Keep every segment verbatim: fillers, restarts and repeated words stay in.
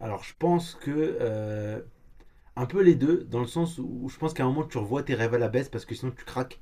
Alors, je pense que. euh, un peu les deux, dans le sens où je pense qu'à un moment, tu revois tes rêves à la baisse parce que sinon, tu craques.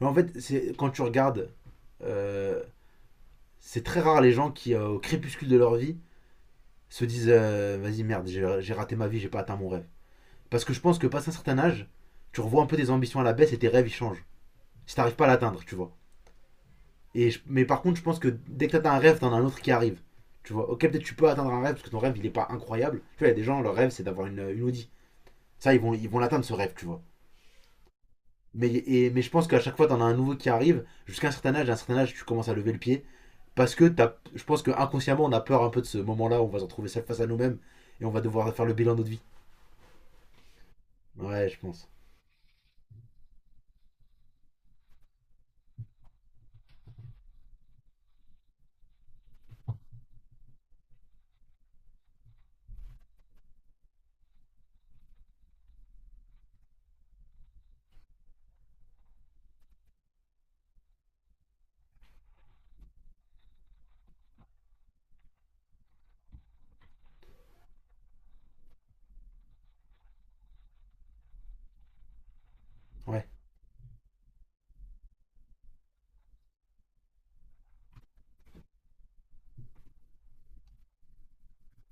Mais en fait, c'est quand tu regardes. euh, c'est très rare les gens qui, euh, au crépuscule de leur vie, se disent euh, Vas-y, merde, j'ai j'ai raté ma vie, j'ai pas atteint mon rêve. Parce que je pense que, passé un certain âge, tu revois un peu tes ambitions à la baisse et tes rêves, ils changent. Si t'arrives pas à l'atteindre, tu vois. Et je- mais par contre, je pense que dès que t'atteins un rêve, t'en as un autre qui arrive. Tu vois, ok, peut-être tu peux atteindre un rêve parce que ton rêve il est pas incroyable. Tu vois, il y a des gens, leur rêve c'est d'avoir une, une Audi. Ça, ils vont, ils vont l'atteindre ce rêve, tu vois. Mais, et, mais je pense qu'à chaque fois, t'en as un nouveau qui arrive, jusqu'à un certain âge, à un certain âge, tu commences à lever le pied. Parce que t'as, je pense qu'inconsciemment, on a peur un peu de ce moment-là où on va se retrouver seul face à nous-mêmes et on va devoir faire le bilan de notre vie. Ouais, je pense. Ouais,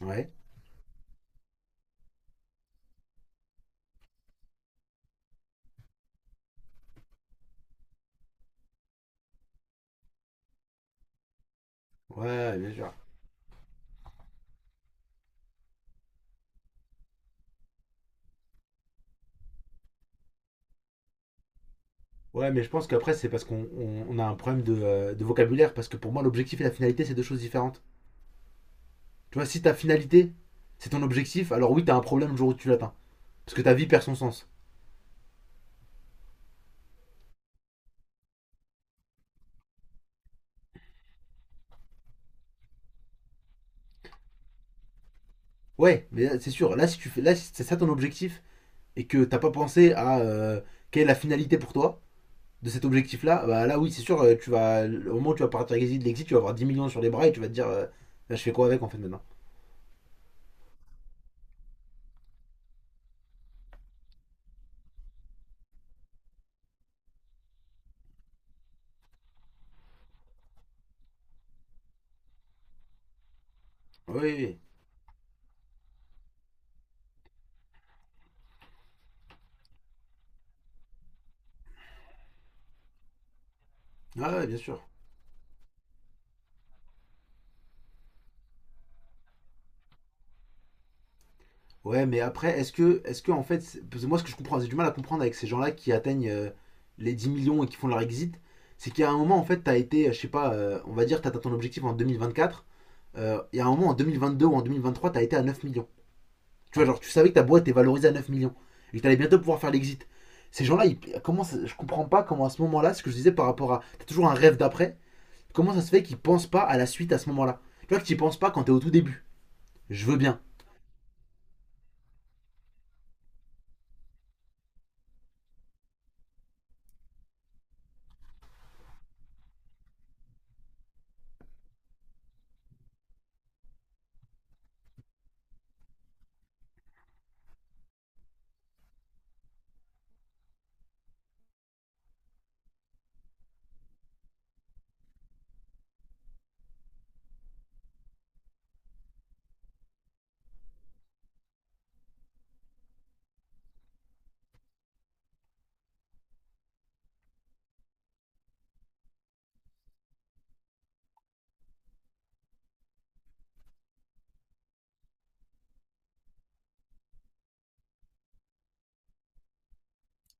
ouais, ouais, bien sûr. Ouais, mais je pense qu'après, c'est parce qu'on on- on a un problème de, euh, de vocabulaire. Parce que pour moi, l'objectif et la finalité, c'est deux choses différentes. Tu vois, si ta finalité, c'est ton objectif, alors oui, t'as un problème le jour où tu l'atteins. Parce que ta vie perd son sens. Ouais, mais là, c'est sûr. Là, si tu fais, là, si c'est ça ton objectif, et que t'as pas pensé à euh, quelle est la finalité pour toi de cet objectif-là, bah là oui, c'est sûr, euh, tu vas, au moment où tu vas partir avec l'exit de l'exit, tu vas avoir dix millions sur les bras et tu vas te dire, euh, Là, je fais quoi avec en fait maintenant. Oui, oui, oui. Ah, ouais, bien sûr. Ouais, mais après, est-ce que, est-ce que en fait, c'est- parce que moi ce que je comprends, j'ai du mal à comprendre avec ces gens-là qui atteignent euh, les dix millions et qui font leur exit, c'est qu'il y a un moment en fait, t'as été, euh, je sais pas, euh, on va dire, t'as atteint ton objectif en deux mille vingt-quatre, euh, il y a un moment en deux mille vingt-deux ou en deux mille vingt-trois, t'as été à neuf millions. Tu vois, genre, tu savais que ta boîte est valorisée à neuf millions et que tu allais bientôt pouvoir faire l'exit. Ces gens-là, ils- comment ça- je comprends pas comment à ce moment-là, ce que je disais par rapport à, t'as toujours un rêve d'après, comment ça se fait qu'ils pensent pas à la suite à ce moment-là. Tu vois que tu penses pas quand t'es au tout début. Je veux bien.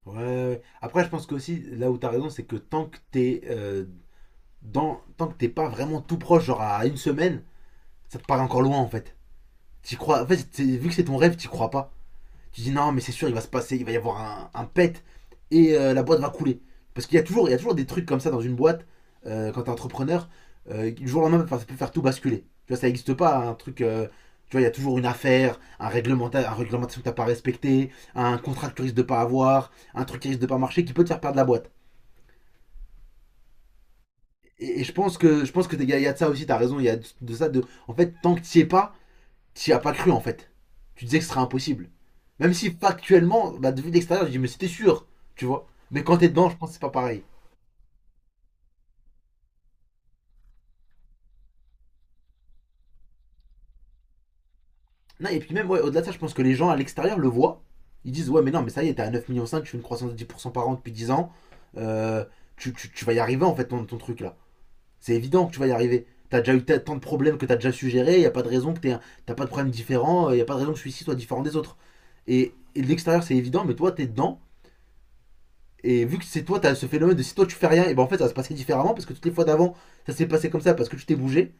Ouais, ouais, ouais. Après, je pense qu'aussi, là où t'as raison, c'est que tant que t'es euh, dans, tant que t'es pas vraiment tout proche, genre à une semaine, ça te paraît encore loin en fait. T'y crois, en fait, vu que c'est ton rêve, t'y crois pas. Tu dis non, mais c'est sûr, il va se passer, il va y avoir un, un pet et euh, la boîte va couler. Parce qu'il y, a toujours- il y a toujours des trucs comme ça dans une boîte, euh, quand t'es entrepreneur, euh, du jour au lendemain, ça peut faire tout basculer. Tu vois, ça n'existe pas, un truc. euh, tu vois, il y a toujours une affaire, un réglementaire, un réglementation que t'as pas respecté, un contrat que tu risques de pas avoir, un truc qui risque de pas marcher qui peut te faire perdre la boîte. Et, et je pense que je pense que t'es- il y, a- il y a de ça aussi, t'as raison, il y a de ça de. En fait, tant que t'y es pas, t'y as pas cru en fait. Tu disais que ce serait impossible. Même si factuellement, bah, de vue d'extérieur, je dis mais c'était sûr, tu vois. Mais quand t'es dedans, je pense que c'est pas pareil. Non, et puis même, ouais, au-delà de ça, je pense que les gens à l'extérieur le voient. Ils disent, ouais, mais non, mais ça y est, t'es à neuf virgule cinq millions, tu fais une croissance de dix pour cent par an depuis dix ans. Euh, tu, tu- tu vas y arriver en fait ton, ton truc là. C'est évident que tu vas y arriver. T'as déjà eu tant de problèmes que t'as déjà suggéré, il y a pas de raison que t'aies un- t'as pas de problème différent, il y a pas de raison que celui-ci soit différent des autres. Et, et de l'extérieur c'est évident, mais toi t'es dedans, et vu que c'est toi, t'as ce phénomène de si toi tu fais rien, et ben en fait ça va se passer différemment parce que toutes les fois d'avant ça s'est passé comme ça parce que tu t'es bougé,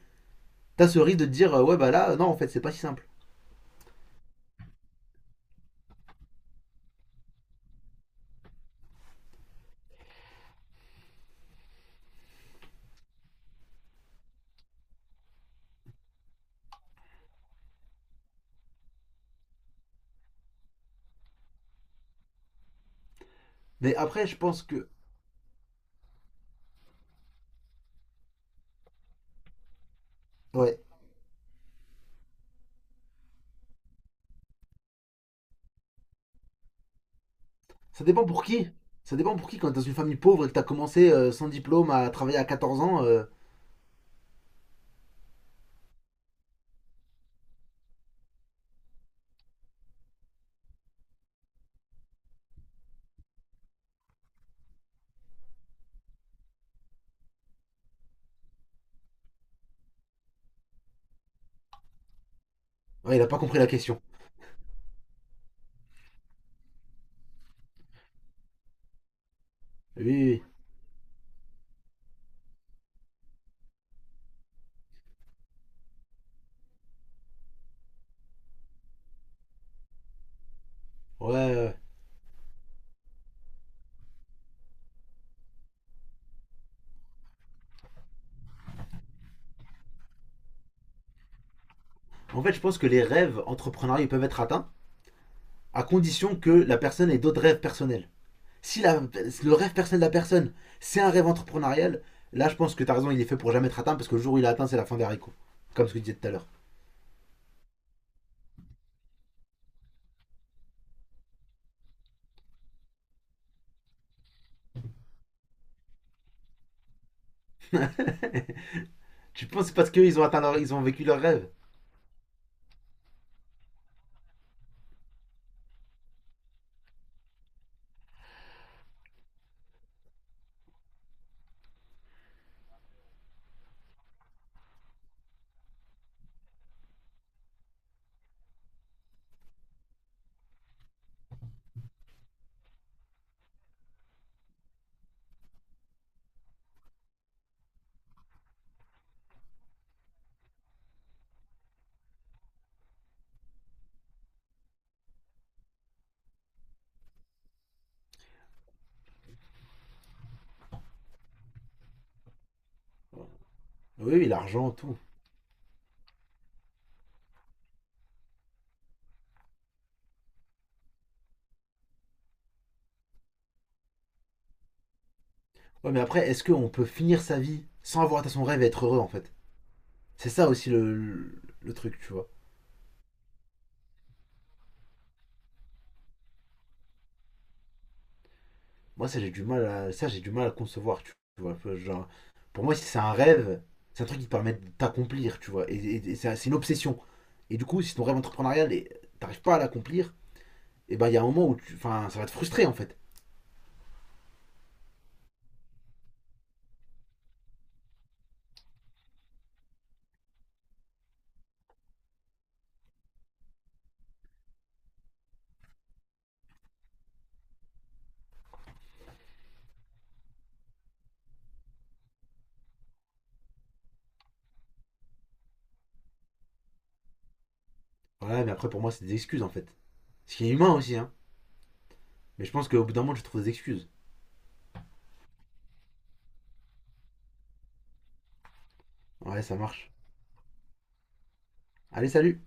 t'as ce risque de te dire euh, ouais bah là euh, non en fait c'est pas si simple. Mais après je pense que ouais, ça dépend pour qui. Ça dépend pour qui quand t'es dans une famille pauvre et que t'as commencé euh, sans diplôme à travailler à quatorze ans, euh, ouais, il a pas compris la question. Oui, oui, oui, ouais. euh. En fait je pense que les rêves entrepreneuriaux peuvent être atteints à condition que la personne ait d'autres rêves personnels. Si la- le rêve personnel de la personne, c'est un rêve entrepreneurial, là je pense que t'as raison, il est fait pour jamais être atteint parce que le jour où il est atteint, c'est la fin des haricots. Comme ce que tu disais tout à l'heure. Tu penses c'est parce qu'ils ont atteint leur- ils ont vécu leur rêve? Oui, oui, l'argent, tout. Ouais, mais après, est-ce qu'on peut finir sa vie sans avoir atteint son rêve et être heureux en fait? C'est ça aussi le, le- le truc, tu vois. Moi, ça j'ai du mal à ça j'ai du mal à concevoir, tu vois. Enfin, genre, pour moi, si c'est un rêve, c'est un truc qui te permet de t'accomplir, tu vois. Et, et- et c'est c'est une obsession. Et du coup, si ton rêve entrepreneurial, t'arrives pas à l'accomplir, et ben il y a un moment où tu, enfin, ça va te frustrer en fait. Voilà, mais après pour moi c'est des excuses en fait. Ce qui est humain aussi, hein. Mais je pense qu'au bout d'un moment tu trouves des excuses. Ouais, ça marche. Allez, salut.